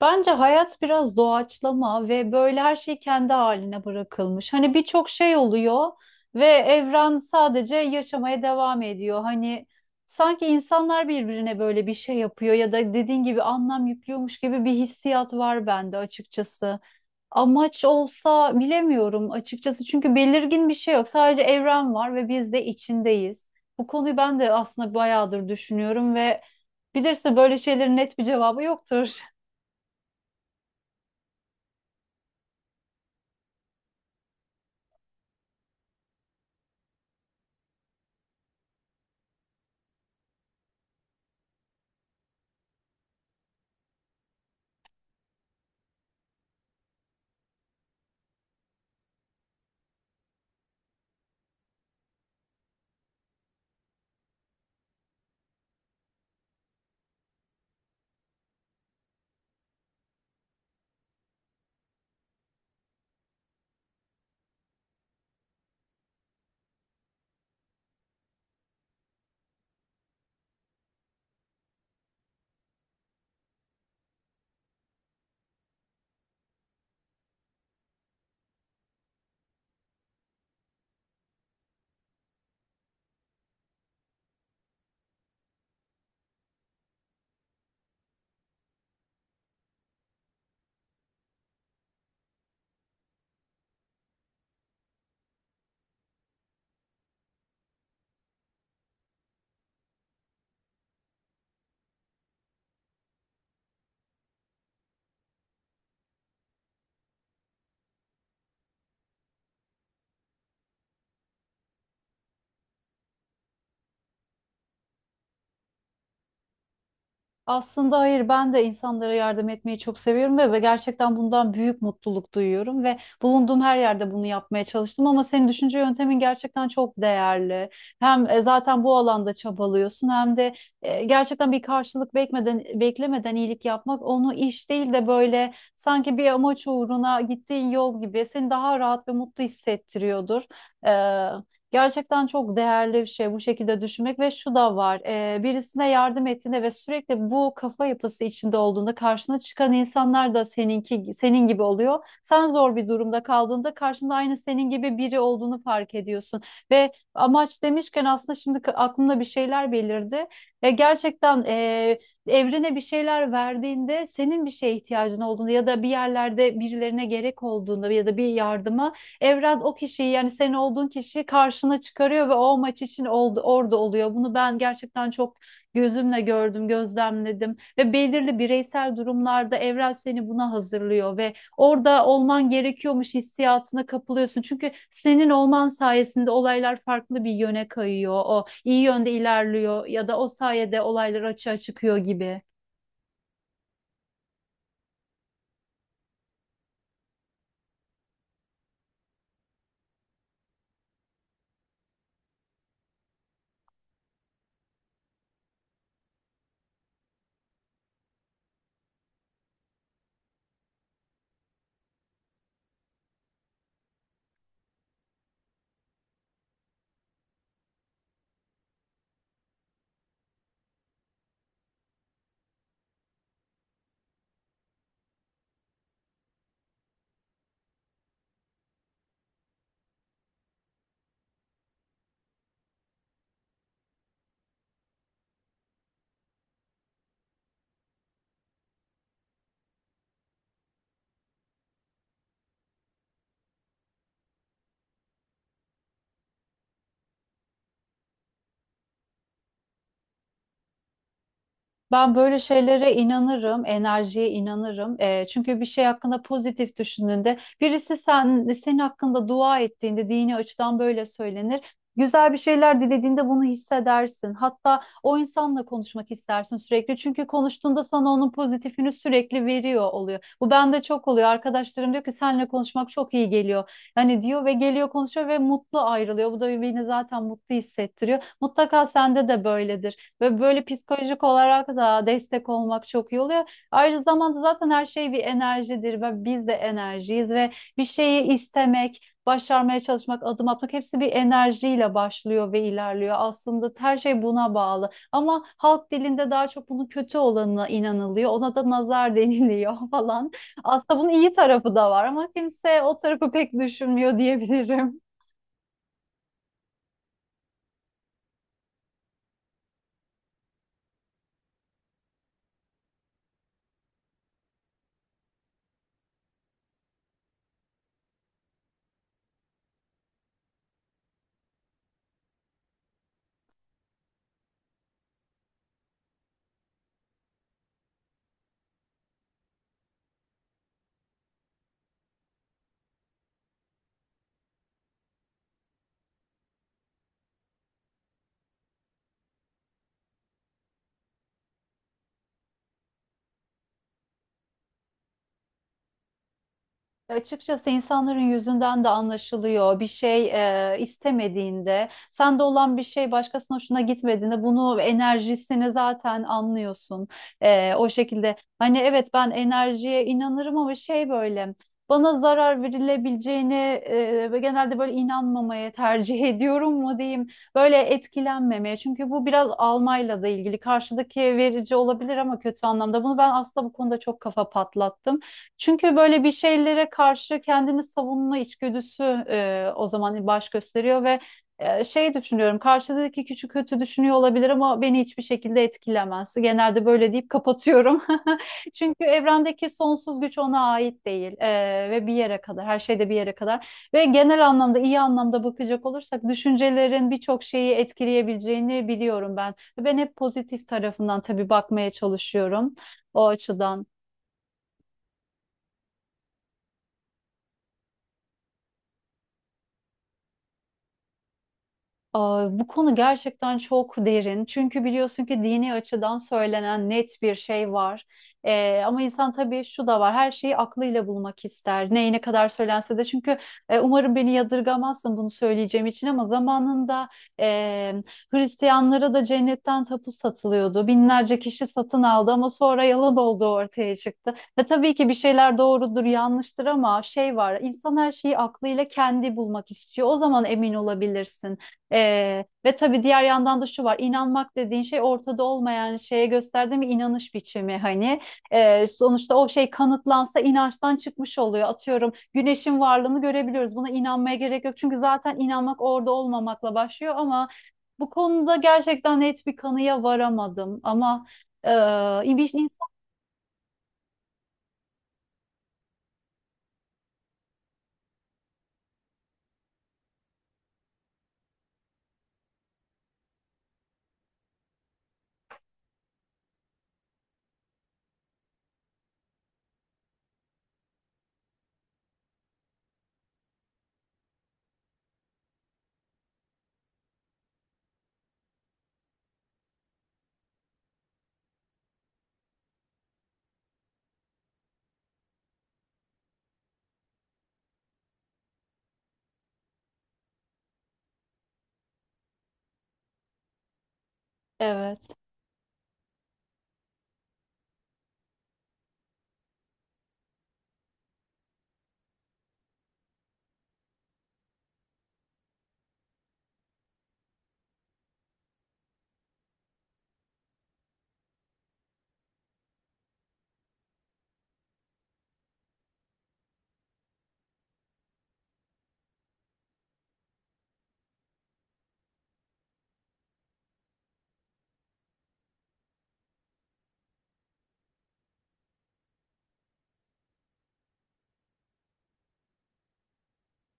Bence hayat biraz doğaçlama ve böyle her şey kendi haline bırakılmış. Hani birçok şey oluyor ve evren sadece yaşamaya devam ediyor. Hani sanki insanlar birbirine böyle bir şey yapıyor ya da dediğin gibi anlam yüklüyormuş gibi bir hissiyat var bende açıkçası. Amaç olsa bilemiyorum açıkçası çünkü belirgin bir şey yok. Sadece evren var ve biz de içindeyiz. Bu konuyu ben de aslında bayağıdır düşünüyorum ve bilirsin böyle şeylerin net bir cevabı yoktur. Aslında hayır ben de insanlara yardım etmeyi çok seviyorum ve gerçekten bundan büyük mutluluk duyuyorum ve bulunduğum her yerde bunu yapmaya çalıştım ama senin düşünce yöntemin gerçekten çok değerli. Hem zaten bu alanda çabalıyorsun hem de gerçekten bir karşılık beklemeden iyilik yapmak onu iş değil de böyle sanki bir amaç uğruna gittiğin yol gibi seni daha rahat ve mutlu hissettiriyordur. Gerçekten çok değerli bir şey bu şekilde düşünmek ve şu da var. Birisine yardım ettiğinde ve sürekli bu kafa yapısı içinde olduğunda karşına çıkan insanlar da senin gibi oluyor. Sen zor bir durumda kaldığında karşında aynı senin gibi biri olduğunu fark ediyorsun. Ve amaç demişken aslında şimdi aklımda bir şeyler belirdi. Gerçekten evrene bir şeyler verdiğinde senin bir şeye ihtiyacın olduğunda ya da bir yerlerde birilerine gerek olduğunda ya da bir yardıma evren o kişiyi yani senin olduğun kişiyi karşına çıkarıyor ve o maç için oldu, orada oluyor. Bunu ben gerçekten çok gözümle gördüm, gözlemledim ve belirli bireysel durumlarda evren seni buna hazırlıyor ve orada olman gerekiyormuş hissiyatına kapılıyorsun. Çünkü senin olman sayesinde olaylar farklı bir yöne kayıyor. O iyi yönde ilerliyor ya da o sayede olaylar açığa çıkıyor gibi. Ben böyle şeylere inanırım, enerjiye inanırım. Çünkü bir şey hakkında pozitif düşündüğünde, senin hakkında dua ettiğinde, dini açıdan böyle söylenir. Güzel bir şeyler dilediğinde bunu hissedersin. Hatta o insanla konuşmak istersin sürekli. Çünkü konuştuğunda sana onun pozitifini sürekli veriyor oluyor. Bu bende çok oluyor. Arkadaşlarım diyor ki seninle konuşmak çok iyi geliyor. Hani diyor ve geliyor konuşuyor ve mutlu ayrılıyor. Bu da beni zaten mutlu hissettiriyor. Mutlaka sende de böyledir. Ve böyle psikolojik olarak da destek olmak çok iyi oluyor. Ayrıca zamanda zaten her şey bir enerjidir ve biz de enerjiyiz ve bir şeyi istemek, başarmaya çalışmak, adım atmak hepsi bir enerjiyle başlıyor ve ilerliyor. Aslında her şey buna bağlı. Ama halk dilinde daha çok bunun kötü olanına inanılıyor. Ona da nazar deniliyor falan. Aslında bunun iyi tarafı da var ama kimse o tarafı pek düşünmüyor diyebilirim. Açıkçası insanların yüzünden de anlaşılıyor. Bir şey istemediğinde, sende olan bir şey başkasının hoşuna gitmediğinde bunu enerjisini zaten anlıyorsun. O şekilde hani evet ben enerjiye inanırım ama şey böyle bana zarar verilebileceğini ve genelde böyle inanmamaya tercih ediyorum mu diyeyim. Böyle etkilenmemeye. Çünkü bu biraz almayla da ilgili. Karşıdaki verici olabilir ama kötü anlamda. Bunu ben aslında bu konuda çok kafa patlattım. Çünkü böyle bir şeylere karşı kendini savunma içgüdüsü o zaman baş gösteriyor ve şey düşünüyorum karşıdaki küçük kötü düşünüyor olabilir ama beni hiçbir şekilde etkilemez. Genelde böyle deyip kapatıyorum. Çünkü evrendeki sonsuz güç ona ait değil ve bir yere kadar her şeyde bir yere kadar ve genel anlamda iyi anlamda bakacak olursak düşüncelerin birçok şeyi etkileyebileceğini biliyorum ben. Ben hep pozitif tarafından tabii bakmaya çalışıyorum o açıdan. Aa, bu konu gerçekten çok derin. Çünkü biliyorsun ki dini açıdan söylenen net bir şey var. Ama insan tabii şu da var. Her şeyi aklıyla bulmak ister. Neyine kadar söylense de. Çünkü umarım beni yadırgamazsın bunu söyleyeceğim için ama zamanında e, Hristiyanlara da cennetten tapu satılıyordu. Binlerce kişi satın aldı ama sonra yalan olduğu ortaya çıktı. Ve tabii ki bir şeyler doğrudur, yanlıştır ama şey var. İnsan her şeyi aklıyla kendi bulmak istiyor. O zaman emin olabilirsin. Ve tabii diğer yandan da şu var, inanmak dediğin şey ortada olmayan şeye gösterdiğim bir inanış biçimi hani. Sonuçta o şey kanıtlansa inançtan çıkmış oluyor. Atıyorum güneşin varlığını görebiliyoruz, buna inanmaya gerek yok çünkü zaten inanmak orada olmamakla başlıyor, ama bu konuda gerçekten net bir kanıya varamadım ama e, bir insan evet.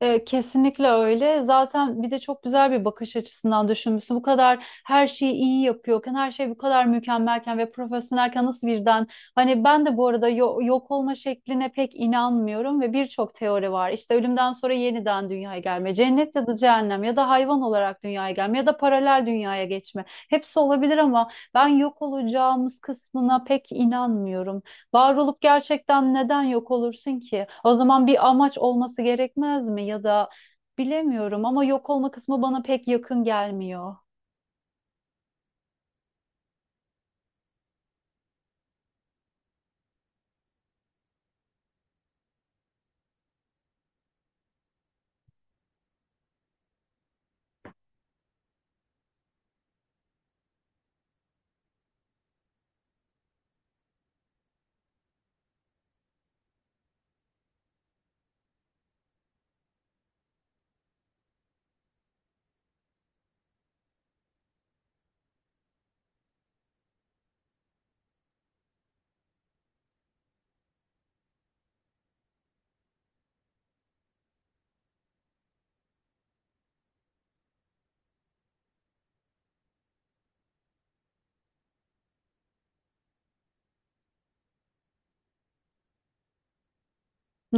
Kesinlikle öyle. Zaten bir de çok güzel bir bakış açısından düşünmüşsün. Bu kadar her şeyi iyi yapıyorken, her şey bu kadar mükemmelken ve profesyonelken nasıl birden hani ben de bu arada yok olma şekline pek inanmıyorum ve birçok teori var. İşte ölümden sonra yeniden dünyaya gelme, cennet ya da cehennem ya da hayvan olarak dünyaya gelme ya da paralel dünyaya geçme. Hepsi olabilir ama ben yok olacağımız kısmına pek inanmıyorum. Var olup gerçekten neden yok olursun ki? O zaman bir amaç olması gerekmez mi? Ya da bilemiyorum ama yok olma kısmı bana pek yakın gelmiyor.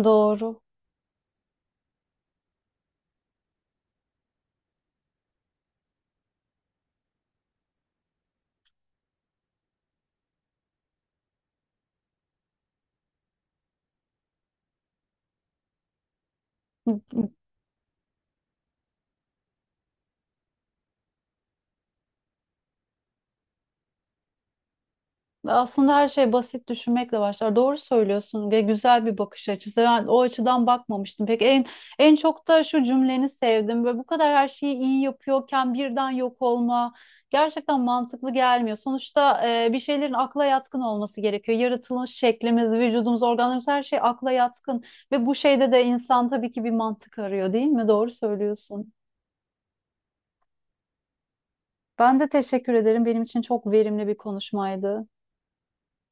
Doğru. Aslında her şey basit düşünmekle başlar. Doğru söylüyorsun ve güzel bir bakış açısı. Ben o açıdan bakmamıştım. Peki en çok da şu cümleni sevdim. Böyle bu kadar her şeyi iyi yapıyorken birden yok olma gerçekten mantıklı gelmiyor. Sonuçta bir şeylerin akla yatkın olması gerekiyor. Yaratılış şeklimiz, vücudumuz, organlarımız her şey akla yatkın ve bu şeyde de insan tabii ki bir mantık arıyor, değil mi? Doğru söylüyorsun. Ben de teşekkür ederim. Benim için çok verimli bir konuşmaydı.